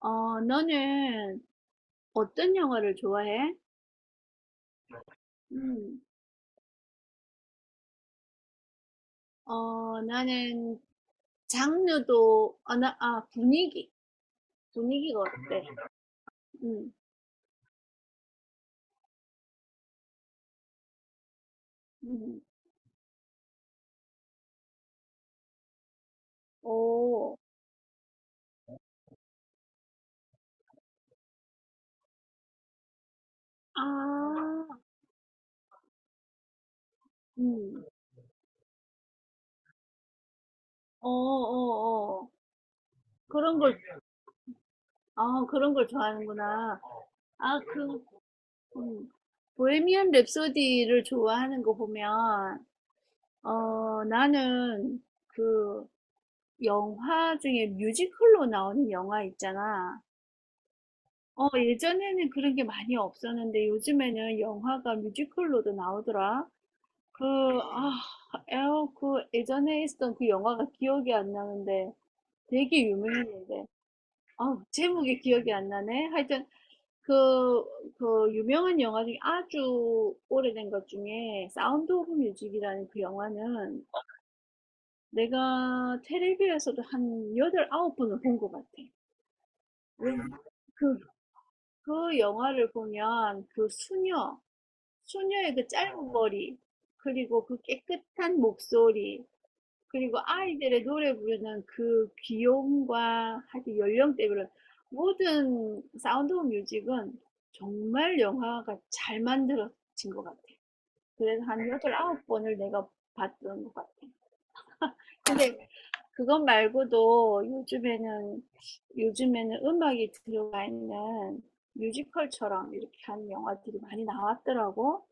너는 어떤 영화를 좋아해? 음, 나는 장르도, 분위기. 분위기가 어때? 음, 음, 오, 아, 음, 어, 어, 어. 그런 걸, 아, 그런 걸 좋아하는구나. 아, 그, 음, 보헤미안 랩소디를 좋아하는 거 보면, 나는 그 영화 중에 뮤지컬로 나오는 영화 있잖아. 예전에는 그런 게 많이 없었는데 요즘에는 영화가 뮤지컬로도 나오더라. 그, 아, 그 예전에 있었던 그 영화가 기억이 안 나는데 되게 유명했는데. 아, 제목이 기억이 안 나네. 하여튼 그, 그 유명한 영화 중에 아주 오래된 것 중에 사운드 오브 뮤직이라는 그 영화는 내가 텔레비에서도 한 여덟 아홉 번을 본 것 같아. 왜 그, 그 영화를 보면 그 수녀, 소녀의 그 짧은 머리, 그리고 그 깨끗한 목소리, 그리고 아이들의 노래 부르는 그 귀여움과 하여튼 연령대별로 모든 사운드 오브 뮤직은 정말 영화가 잘 만들어진 것 같아. 그래서 한 여덟, 아홉 번을 내가 봤던 것 같아. 근데 그것 말고도 요즘에는 음악이 들어가 있는 뮤지컬처럼 이렇게 하는 영화들이 많이 나왔더라고.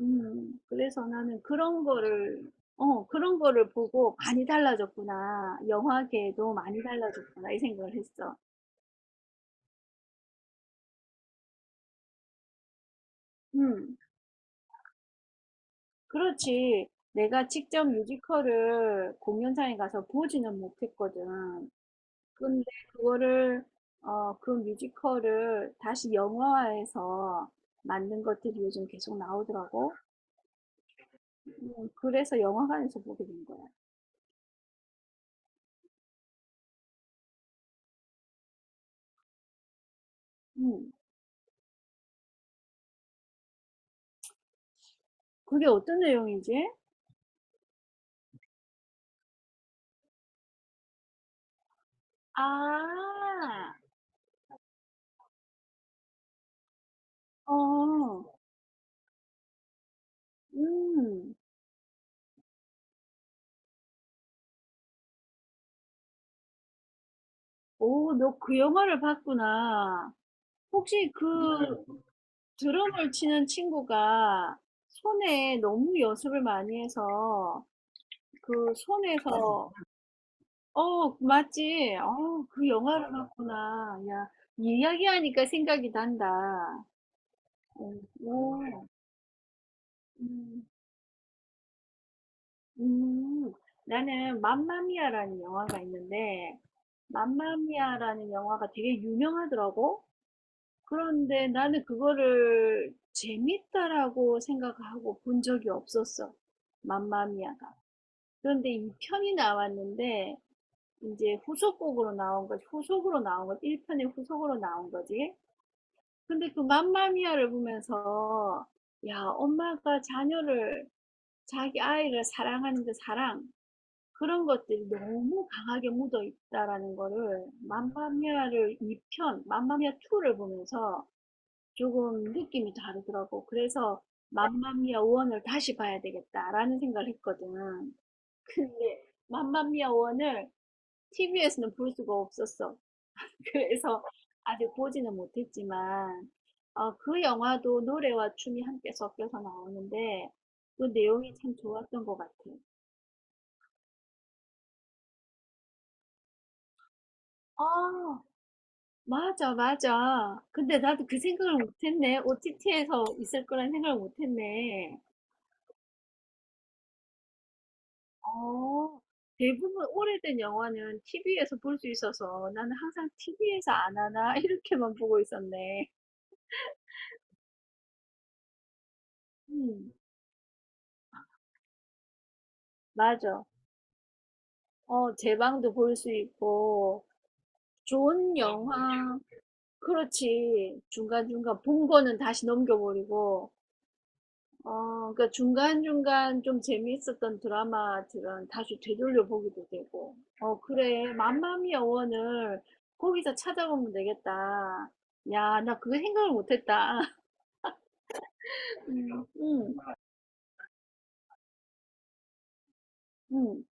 음. 그래서 나는 그런 거를 그런 거를 보고 '많이 달라졌구나. 영화계도 많이 달라졌구나.' 이 생각을 했어. 음. 그렇지. 내가 직접 뮤지컬을 공연장에 가서 보지는 못했거든. 근데 그거를 그 뮤지컬을 다시 영화화해서 만든 것들이 요즘 계속 나오더라고. 음, 그래서 영화관에서 보게 된 거야. 음. 그게 어떤 내용이지? 아. 어. 음. 오, 너 그 영화를 봤구나. 혹시 네. 그 드럼을 치는 친구가 손에 너무 연습을 많이 해서 그 손에서 어, 맞지? 어, 그 영화를 봤구나. 야, 이야기하니까 생각이 난다. 어, 오, 네. 음, 음. 나는 맘마미아라는 영화가 있는데 맘마미아라는 영화가 되게 유명하더라고. 그런데 나는 그거를 재밌다라고 생각하고 본 적이 없었어. 맘마미아가. 그런데 2편이 나왔는데 이제 후속곡으로 나온 거지. 후속으로 나온 거지. 1편의 후속으로 나온 거지. 근데 그 맘마미아를 보면서 야, 엄마가 자녀를 자기 아이를 사랑하는 그 사랑, 그런 것들이 너무 강하게 묻어 있다라는 거를 맘마미아를 2편, 맘마미아 2를 보면서 조금 느낌이 다르더라고. 그래서 맘마미아 원을 다시 봐야 되겠다라는 생각을 했거든. 근데 맘마미아 원을 TV에서는 볼 수가 없었어. 그래서 아직 보지는 못했지만 그 영화도 노래와 춤이 함께 섞여서 나오는데 그 내용이 참 좋았던 것 같아. 아, 맞아, 맞아. 근데 나도 그 생각을 못했네. OTT에서 있을 거란 생각을 못했네. 어. 대부분 오래된 영화는 TV에서 볼 수 있어서 나는 항상 'TV에서 안 하나?' 이렇게만 보고 있었네. 음. 맞아. 제방도 볼 수 있고 좋은 영화 그렇지. 중간중간 본 거는 다시 넘겨 버리고 그러니까 중간중간 좀 재미있었던 드라마들은 다시 되돌려 보기도 되고. 그래. 맘마미아 원을 거기서 찾아보면 되겠다. 야 나 그거 생각을 못 했다. 응, 응,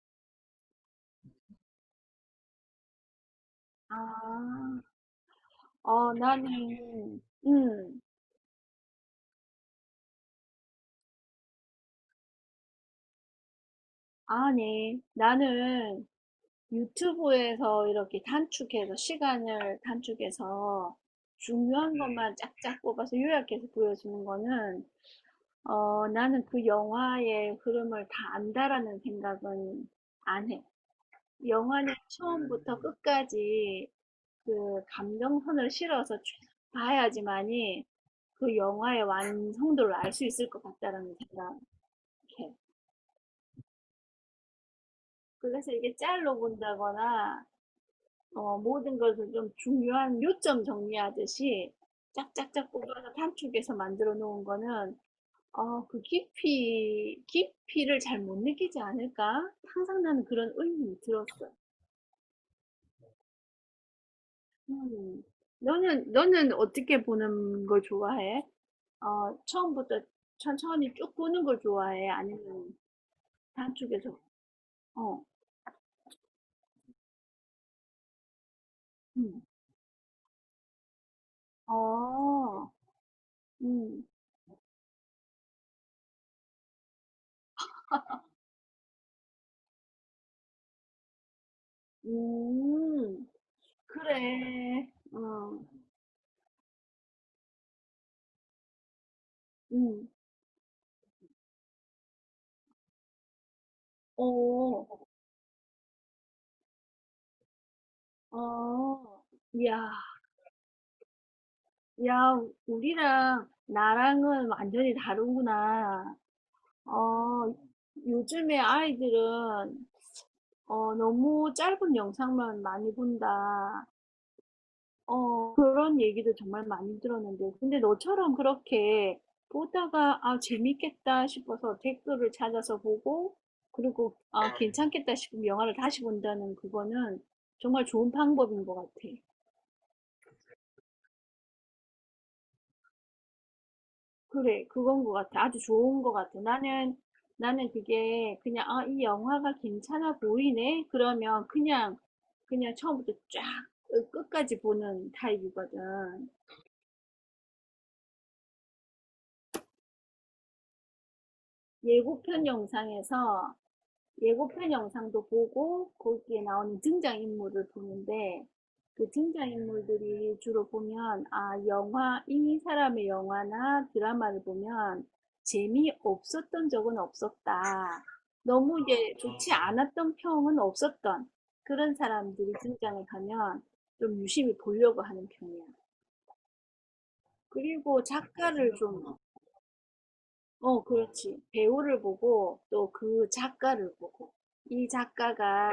아, 나는, 응, 아니, 나는 유튜브에서 이렇게 단축해서, 시간을 단축해서 중요한 것만 쫙쫙 뽑아서 요약해서 보여주는 거는, 나는 그 영화의 흐름을 다 안다라는 생각은 안 해. 영화는 처음부터 끝까지 그 감정선을 실어서 쭉 봐야지만이, 그 영화의 완성도를 알 수 있을 것 같다라는 생각해. 그래서 이게 짤로 본다거나 모든 것을 좀 중요한 요점 정리하듯이 짝짝짝 뽑아서 단축해서 만들어 놓은 거는 그 깊이를 잘 못 느끼지 않을까? 항상 나는 그런 의문이 들었어. 음. 너는 어떻게 보는 걸 좋아해? 처음부터 천천히 쭉 보는 걸 좋아해? 아니면 단축해서? 어. 음. 아. 음. 음. 그래. 어. 음. 어. 어. 야. 야, 우리랑 나랑은 완전히 다르구나. 어. 요즘에 아이들은 너무 짧은 영상만 많이 본다. 그런 얘기도 정말 많이 들었는데 근데 너처럼 그렇게 보다가 '아 재밌겠다.' 싶어서 댓글을 찾아서 보고 그리고 '아 아. 괜찮겠다.' 싶으면 영화를 다시 본다는 그거는 정말 좋은 방법인 것 같아. 그래 그건 것 같아. 아주 좋은 것 같아. 나는 그게 그냥 '아 이 영화가 괜찮아 보이네.' 그러면 그냥 처음부터 쫙 끝까지 보는 타입이거든. 예고편 영상에서 예고편 영상도 보고 거기에 나오는 등장인물을 보는데 그 등장인물들이 주로 보면 아 영화 이 사람의 영화나 드라마를 보면 재미없었던 적은 없었다. 너무 이 좋지 않았던 평은 없었던 그런 사람들이 등장을 하면 좀 유심히 보려고 하는 편이야. 그리고 작가를 좀, 어, 그렇지. 배우를 보고 또 그 작가를 보고 이 작가가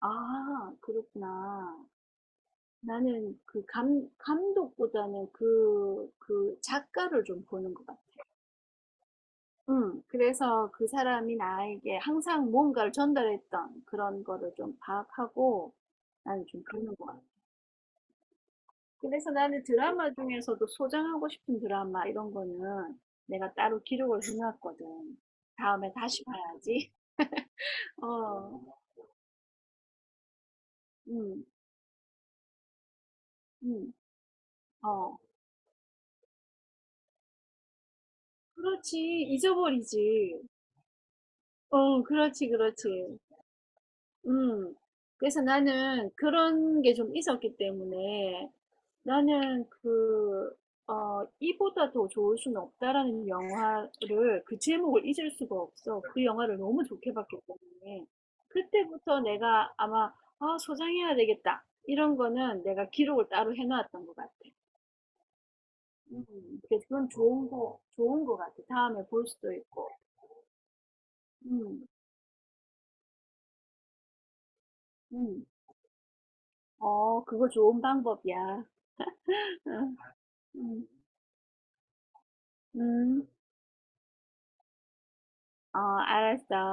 아 그렇구나. 나는 감독보다는 그 작가를 좀 보는 것 같아. 응. 그래서 그 사람이 나에게 항상 뭔가를 전달했던 그런 거를 좀 파악하고 나는 좀 보는 것 같아. 그래서 나는 드라마 중에서도 소장하고 싶은 드라마 이런 거는 내가 따로 기록을 해놨거든. 다음에 다시 봐야지. 어, 응, 응, 어. 그렇지. 잊어버리지. 어, 그렇지, 그렇지. 음. 그래서 나는 그런 게 좀 있었기 때문에 나는 그, 이보다 더 좋을 수는 없다라는 영화를 그 제목을 잊을 수가 없어. 그 영화를 너무 좋게 봤기 때문에. 그때부터 내가 아마, 아, 소장해야 되겠다. 이런 거는 내가 기록을 따로 해놨던 것 같아. 음, 그래서 그건 좋은 거 같아. 다음에 볼 수도 있고. 음, 음. 어, 그거 좋은 방법이야. 음, 음. 어, 알았어.